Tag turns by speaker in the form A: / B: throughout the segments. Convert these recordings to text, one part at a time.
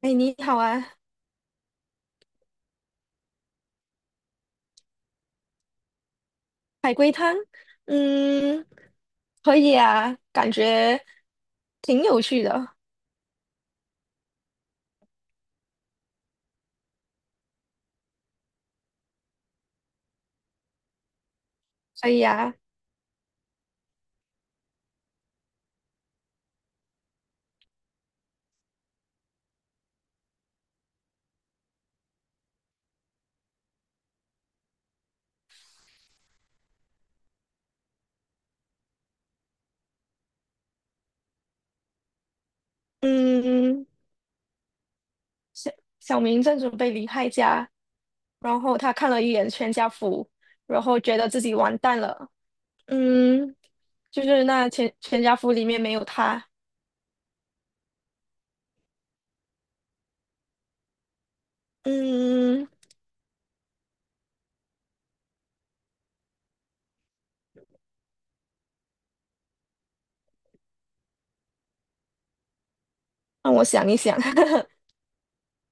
A: 哎，你好啊，海龟汤，嗯，可以啊，感觉挺有趣的，可以啊，嗯，小小明正准备离开家，然后他看了一眼全家福，然后觉得自己完蛋了，嗯，就是那全家福里面没有他，嗯，让我想一想，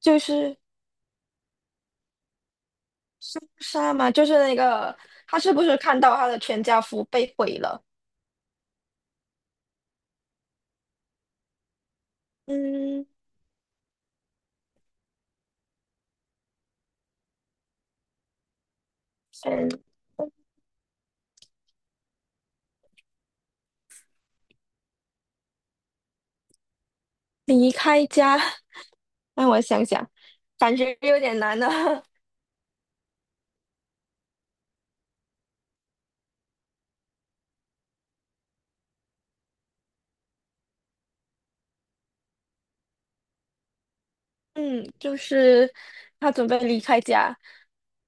A: 就是杀嘛，就是那个他是不是看到他的全家福被毁了？嗯，先离开家。让我想想，感觉有点难呢。嗯，就是他准备离开家，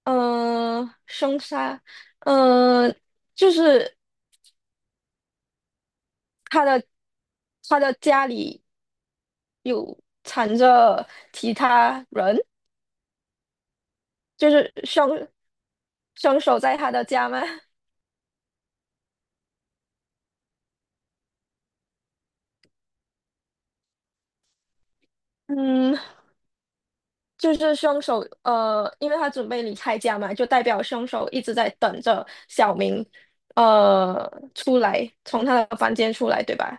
A: 凶杀，呃，就是他的他的家里有藏着其他人，就是凶手在他的家吗？嗯，就是凶手，因为他准备离开家嘛，就代表凶手一直在等着小明，呃，出来，从他的房间出来，对吧？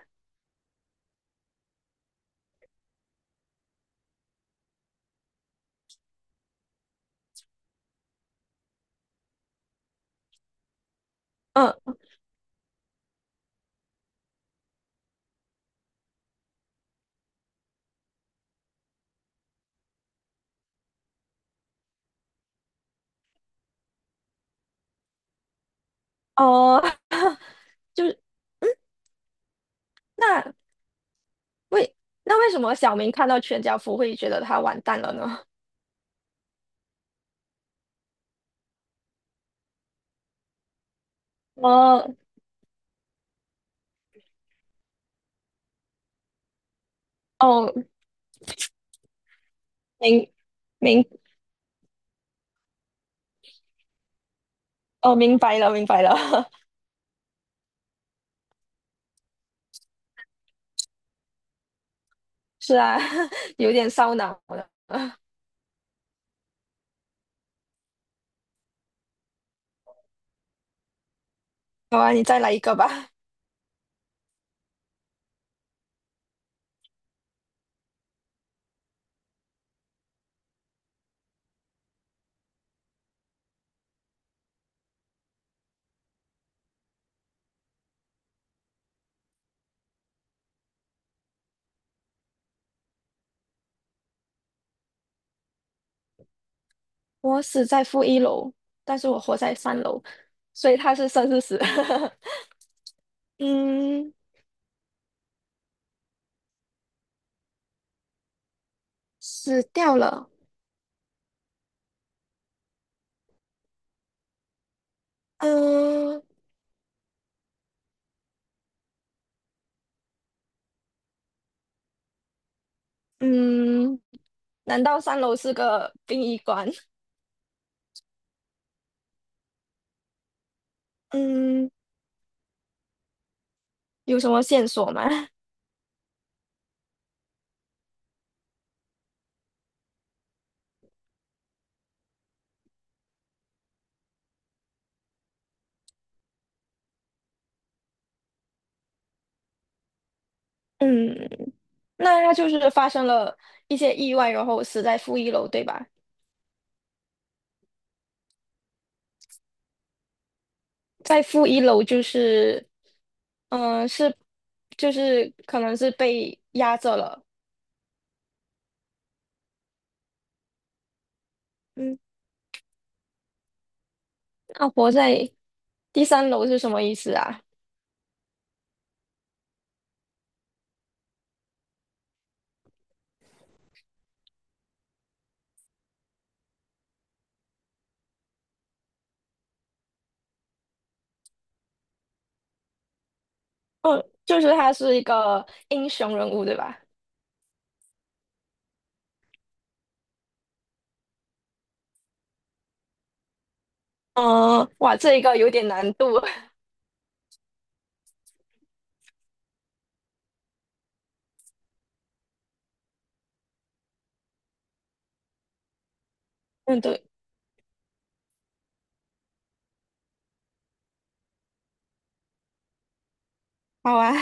A: 嗯哦，就是那为那为什么小明看到全家福会觉得他完蛋了呢？哦哦，明明哦，明白了，明白了，是啊，有点烧脑了。好啊，你再来一个吧。我死在负一楼，但是我活在三楼，所以他是生是死？嗯，死掉了。嗯嗯，难道三楼是个殡仪馆？嗯，有什么线索吗？嗯。那他就是发生了一些意外，然后死在负一楼，对吧？在负一楼就是，嗯、呃是就是可能是被压着了。嗯，那活在第三楼是什么意思啊？嗯，就是他是一个英雄人物，对吧？嗯，哇，这一个有点难度。嗯，对，好啊。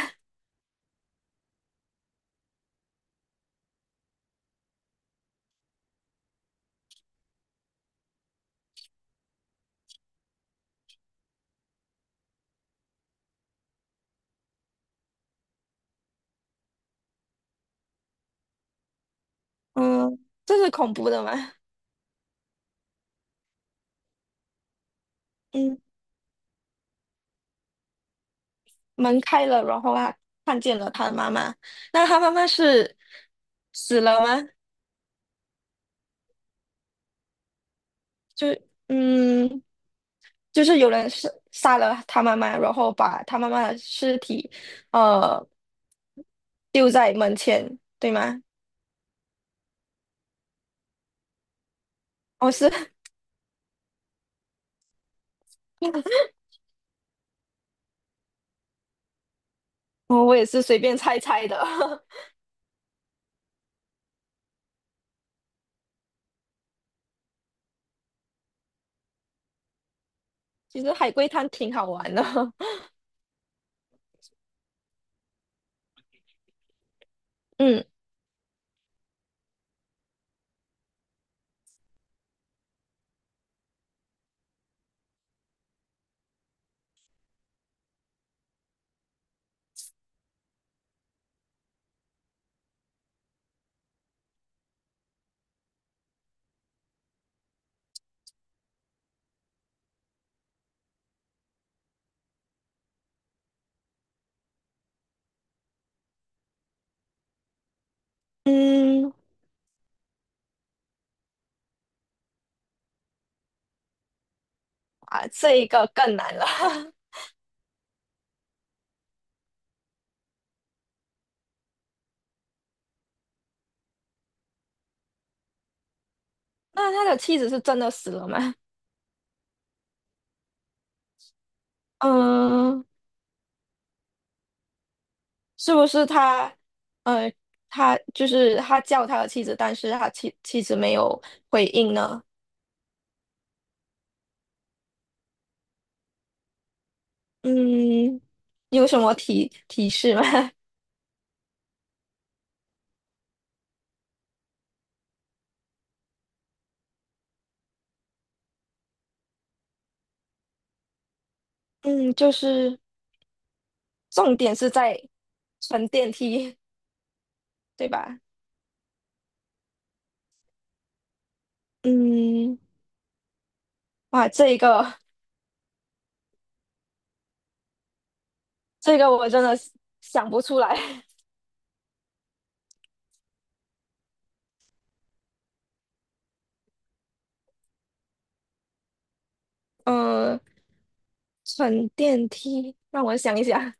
A: 嗯，这是恐怖的吗？嗯，门开了，然后他看见了他的妈妈。那他妈妈是死了吗？就嗯，就是有人是杀了他妈妈，然后把他妈妈的尸体呃丢在门前，对吗？哦，是，我也是随便猜猜的。其实海龟汤挺好玩的。嗯嗯，啊，这一个更难了。那他的妻子是真的死了吗？嗯，是不是他？呃，他就是他叫他的妻子，但是他妻子没有回应呢？嗯，有什么提示吗？嗯，就是重点是在乘电梯，对吧？嗯，哇，这个我真的是想不出来。嗯，乘电梯，让我想一想。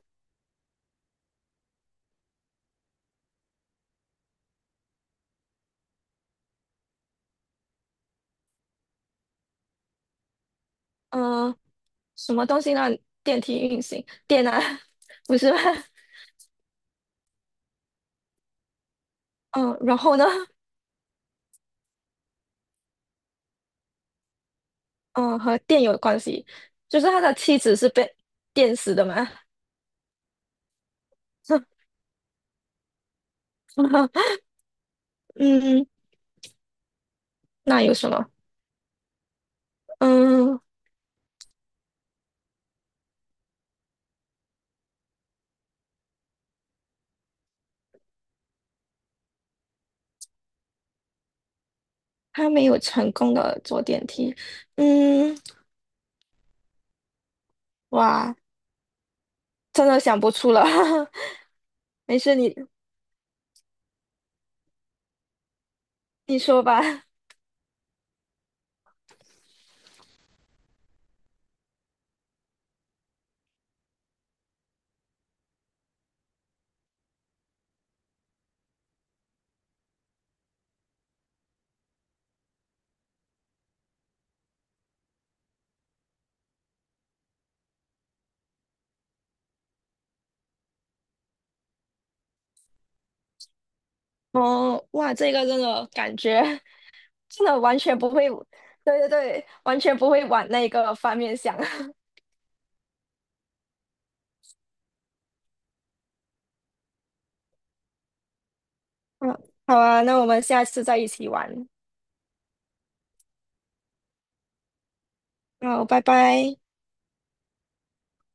A: 嗯、呃什么东西让电梯运行？电啊，不是吗？嗯、然后呢？嗯、和电有关系，就是他的妻子是被电死的嘛。嗯，那有什么？嗯。他没有成功的坐电梯。嗯，哇，真的想不出了。没事，你你说吧。哦，哇，这个真的感觉真的完全不会，对对对，完全不会往那个方面想。嗯，好啊，那我们下次再一起玩。好，拜拜。